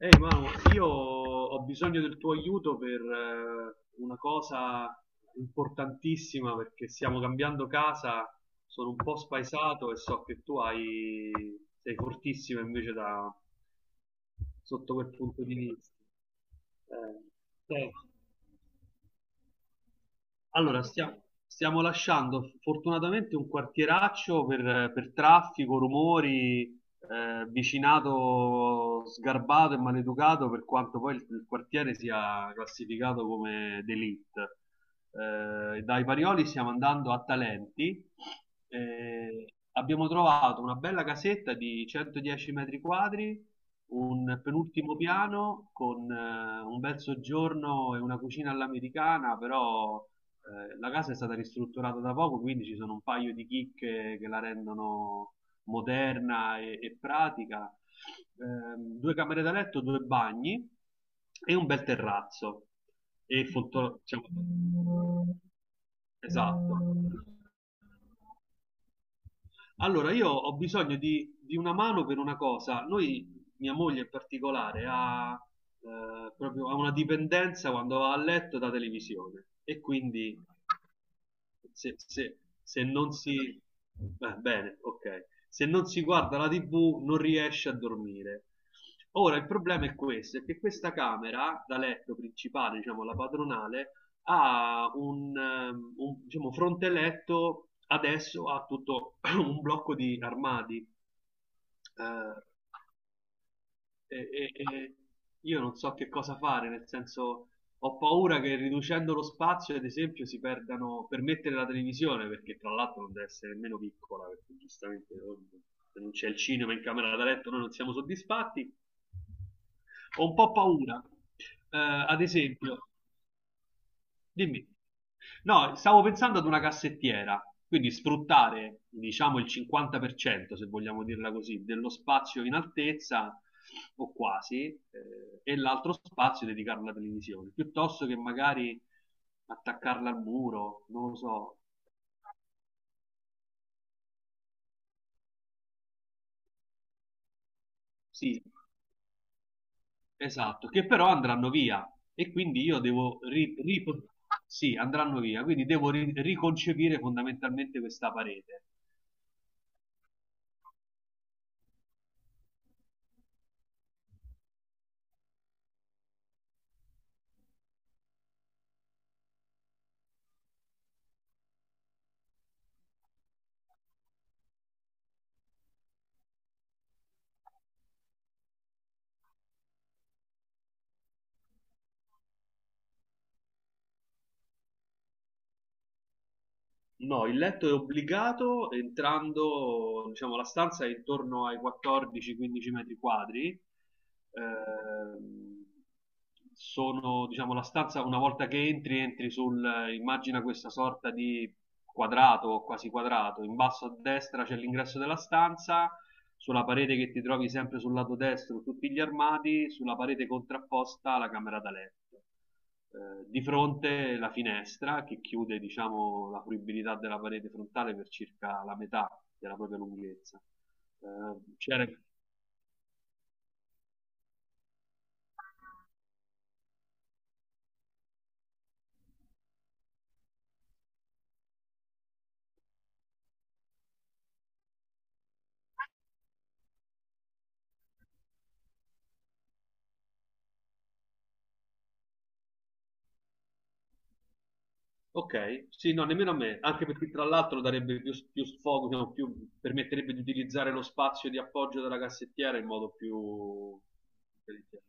Ehi Manu, io ho bisogno del tuo aiuto per una cosa importantissima perché stiamo cambiando casa. Sono un po' spaesato e so che tu sei fortissimo invece sotto quel punto di vista. Eh, eh, allora, stiamo lasciando fortunatamente un quartieraccio per traffico, rumori, vicinato sgarbato e maleducato, per quanto poi il quartiere sia classificato come d'élite. Dai Parioli stiamo andando a Talenti. eh, abbiamo trovato una bella casetta di 110 metri quadri, un penultimo piano con un bel soggiorno e una cucina all'americana. Però la casa è stata ristrutturata da poco, quindi ci sono un paio di chicche che la rendono moderna e pratica. Due camere da letto, due bagni e un bel terrazzo. E diciamo, esatto. Allora, io ho bisogno di una mano per una cosa. Noi, mia moglie in particolare, proprio, ha una dipendenza quando va a letto da televisione, e quindi se non si... Beh, bene, ok. Se non si guarda la TV non riesce a dormire. Ora, il problema è questo, è che questa camera da letto principale, diciamo la padronale, ha diciamo, fronte letto adesso a tutto un blocco di armadi, eh, e io non so che cosa fare, nel senso ho paura che riducendo lo spazio, ad esempio, si perdano per mettere la televisione, perché tra l'altro non deve essere nemmeno piccola, perché giustamente oh, se non c'è il cinema in camera da letto noi non siamo soddisfatti. Ho un po' paura, eh, ad esempio, dimmi. No, stavo pensando ad una cassettiera, quindi sfruttare, diciamo, il 50%, se vogliamo dirla così, dello spazio in altezza o quasi, e l'altro spazio dedicarlo alla televisione, piuttosto che magari attaccarla al muro, non lo so. Sì, esatto, che però andranno via e quindi io devo sì, andranno via, quindi devo riconcepire fondamentalmente questa parete. No, il letto è obbligato entrando, diciamo, la stanza è intorno ai 14-15 metri quadri. Ehm, sono, diciamo, la stanza, una volta che entri, entri, immagina questa sorta di quadrato, quasi quadrato. In basso a destra c'è l'ingresso della stanza, sulla parete che ti trovi sempre sul lato destro tutti gli armadi, sulla parete contrapposta la camera da letto, di fronte la finestra che chiude, diciamo, la fruibilità della parete frontale per circa la metà della propria lunghezza. Eh, c'era- Ok, sì, no, nemmeno a me, anche perché tra l'altro darebbe più sfogo, diciamo, permetterebbe di utilizzare lo spazio di appoggio della cassettiera in modo più intelligente.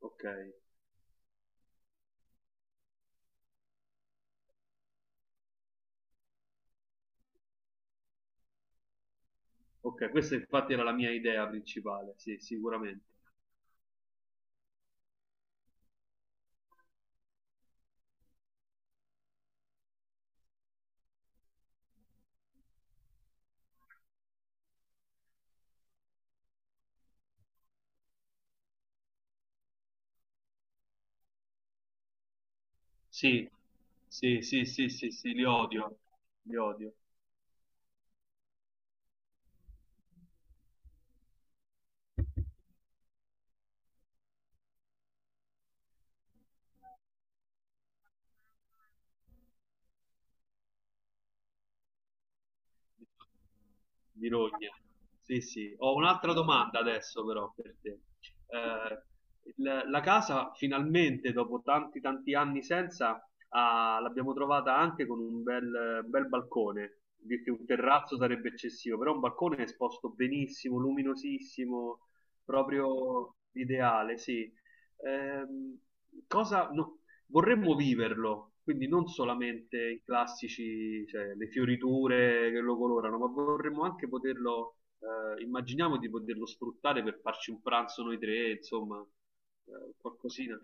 Ok, ok, questa infatti era la mia idea principale, sì, sicuramente. Sì, sì, sì, sì, sì, sì, li odio, li odio. Birogna. Sì, sì. Ho un'altra domanda adesso però per te. La casa finalmente dopo tanti tanti anni senza l'abbiamo trovata anche con un bel, bel balcone. Dire che un terrazzo sarebbe eccessivo, però un balcone esposto benissimo, luminosissimo, proprio ideale, sì. Ehm, cosa, no- vorremmo viverlo, quindi non solamente i classici, cioè le fioriture che lo colorano, ma vorremmo anche poterlo. Immaginiamo di poterlo sfruttare per farci un pranzo noi tre, insomma, qualcosina.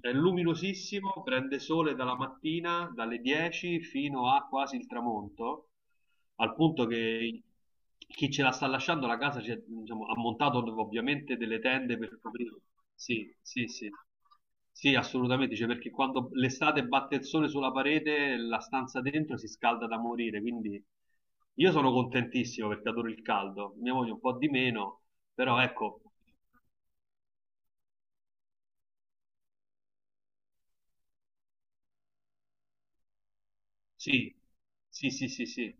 È luminosissimo, prende sole dalla mattina, dalle 10 fino a quasi il tramonto, al punto che chi ce la sta lasciando la casa ci ha, diciamo, ha montato ovviamente delle tende per coprire. Sì, sì, sì. Sì, assolutamente, cioè, perché quando l'estate batte il sole sulla parete, la stanza dentro si scalda da morire, quindi io sono contentissimo perché adoro il caldo, mia moglie un po' di meno, però ecco, sì, sì, sì, sì, sì,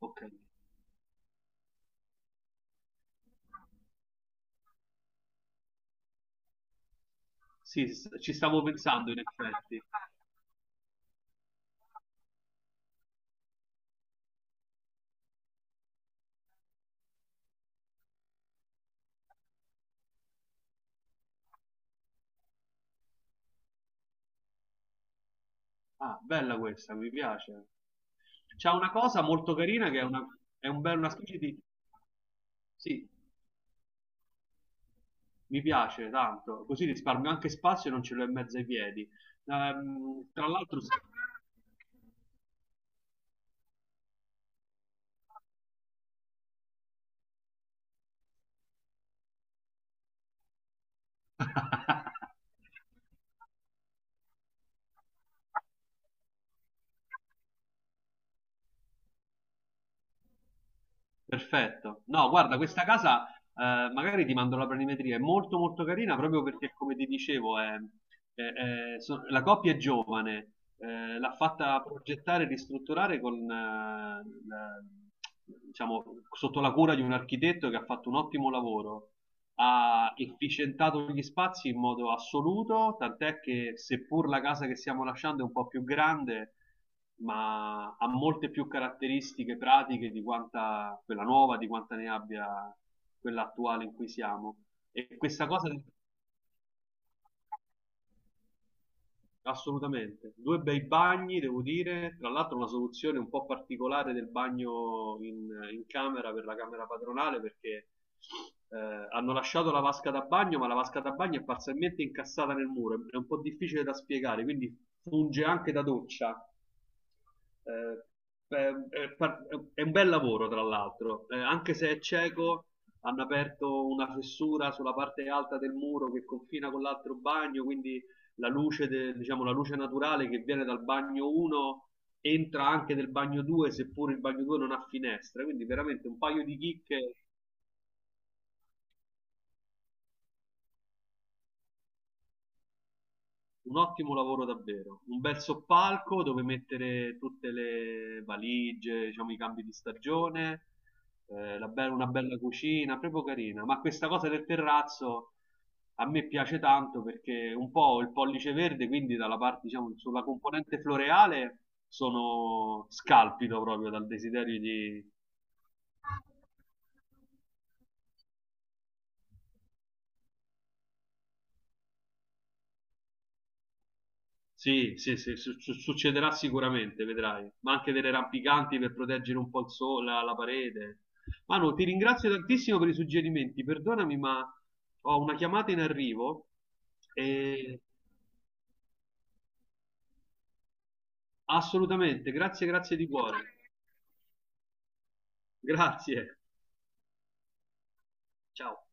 ok. Sì, ci stavo pensando in effetti. Ah, bella questa, mi piace. C'ha una cosa molto carina che è una, è un bel- una specie di... Sì, mi piace tanto, così risparmio anche spazio e non ce l'ho in mezzo ai piedi. Tra l'altro... Perfetto. No, guarda, questa casa, magari ti mando la planimetria, è molto molto carina proprio perché, come ti dicevo, è- la coppia è giovane, l'ha fatta progettare e ristrutturare con, diciamo, sotto la cura di un architetto che ha fatto un ottimo lavoro. Ha efficientato gli spazi in modo assoluto, tant'è che seppur la casa che stiamo lasciando è un po' più grande, ma ha molte più caratteristiche pratiche di quanta quella nuova, di quanta ne abbia quella attuale in cui siamo. E questa cosa, assolutamente, due bei bagni, devo dire, tra l'altro una soluzione un po' particolare del bagno in camera per la camera padronale, perché hanno lasciato la vasca da bagno, ma la vasca da bagno è parzialmente incassata nel muro, è un po' difficile da spiegare, quindi funge anche da doccia. Eh, beh, è un bel lavoro, tra l'altro. Anche se è cieco, hanno aperto una fessura sulla parte alta del muro che confina con l'altro bagno, quindi la luce, diciamo, la luce naturale che viene dal bagno 1 entra anche nel bagno 2, seppur il bagno 2 non ha finestre, quindi veramente un paio di chicche. Un ottimo lavoro davvero, un bel soppalco dove mettere tutte le valigie, diciamo i cambi di stagione, una bella cucina, proprio carina. Ma questa cosa del terrazzo a me piace tanto perché un po' ho il pollice verde, quindi dalla parte, diciamo, sulla componente floreale sono scalpito proprio dal desiderio di... Sì, sì, sì, succederà sicuramente, vedrai, ma anche delle rampicanti per proteggere un po' il sole, la parete. Manu, ti ringrazio tantissimo per i suggerimenti, perdonami, ma ho una chiamata in arrivo e assolutamente, grazie, grazie di cuore. Grazie, ciao.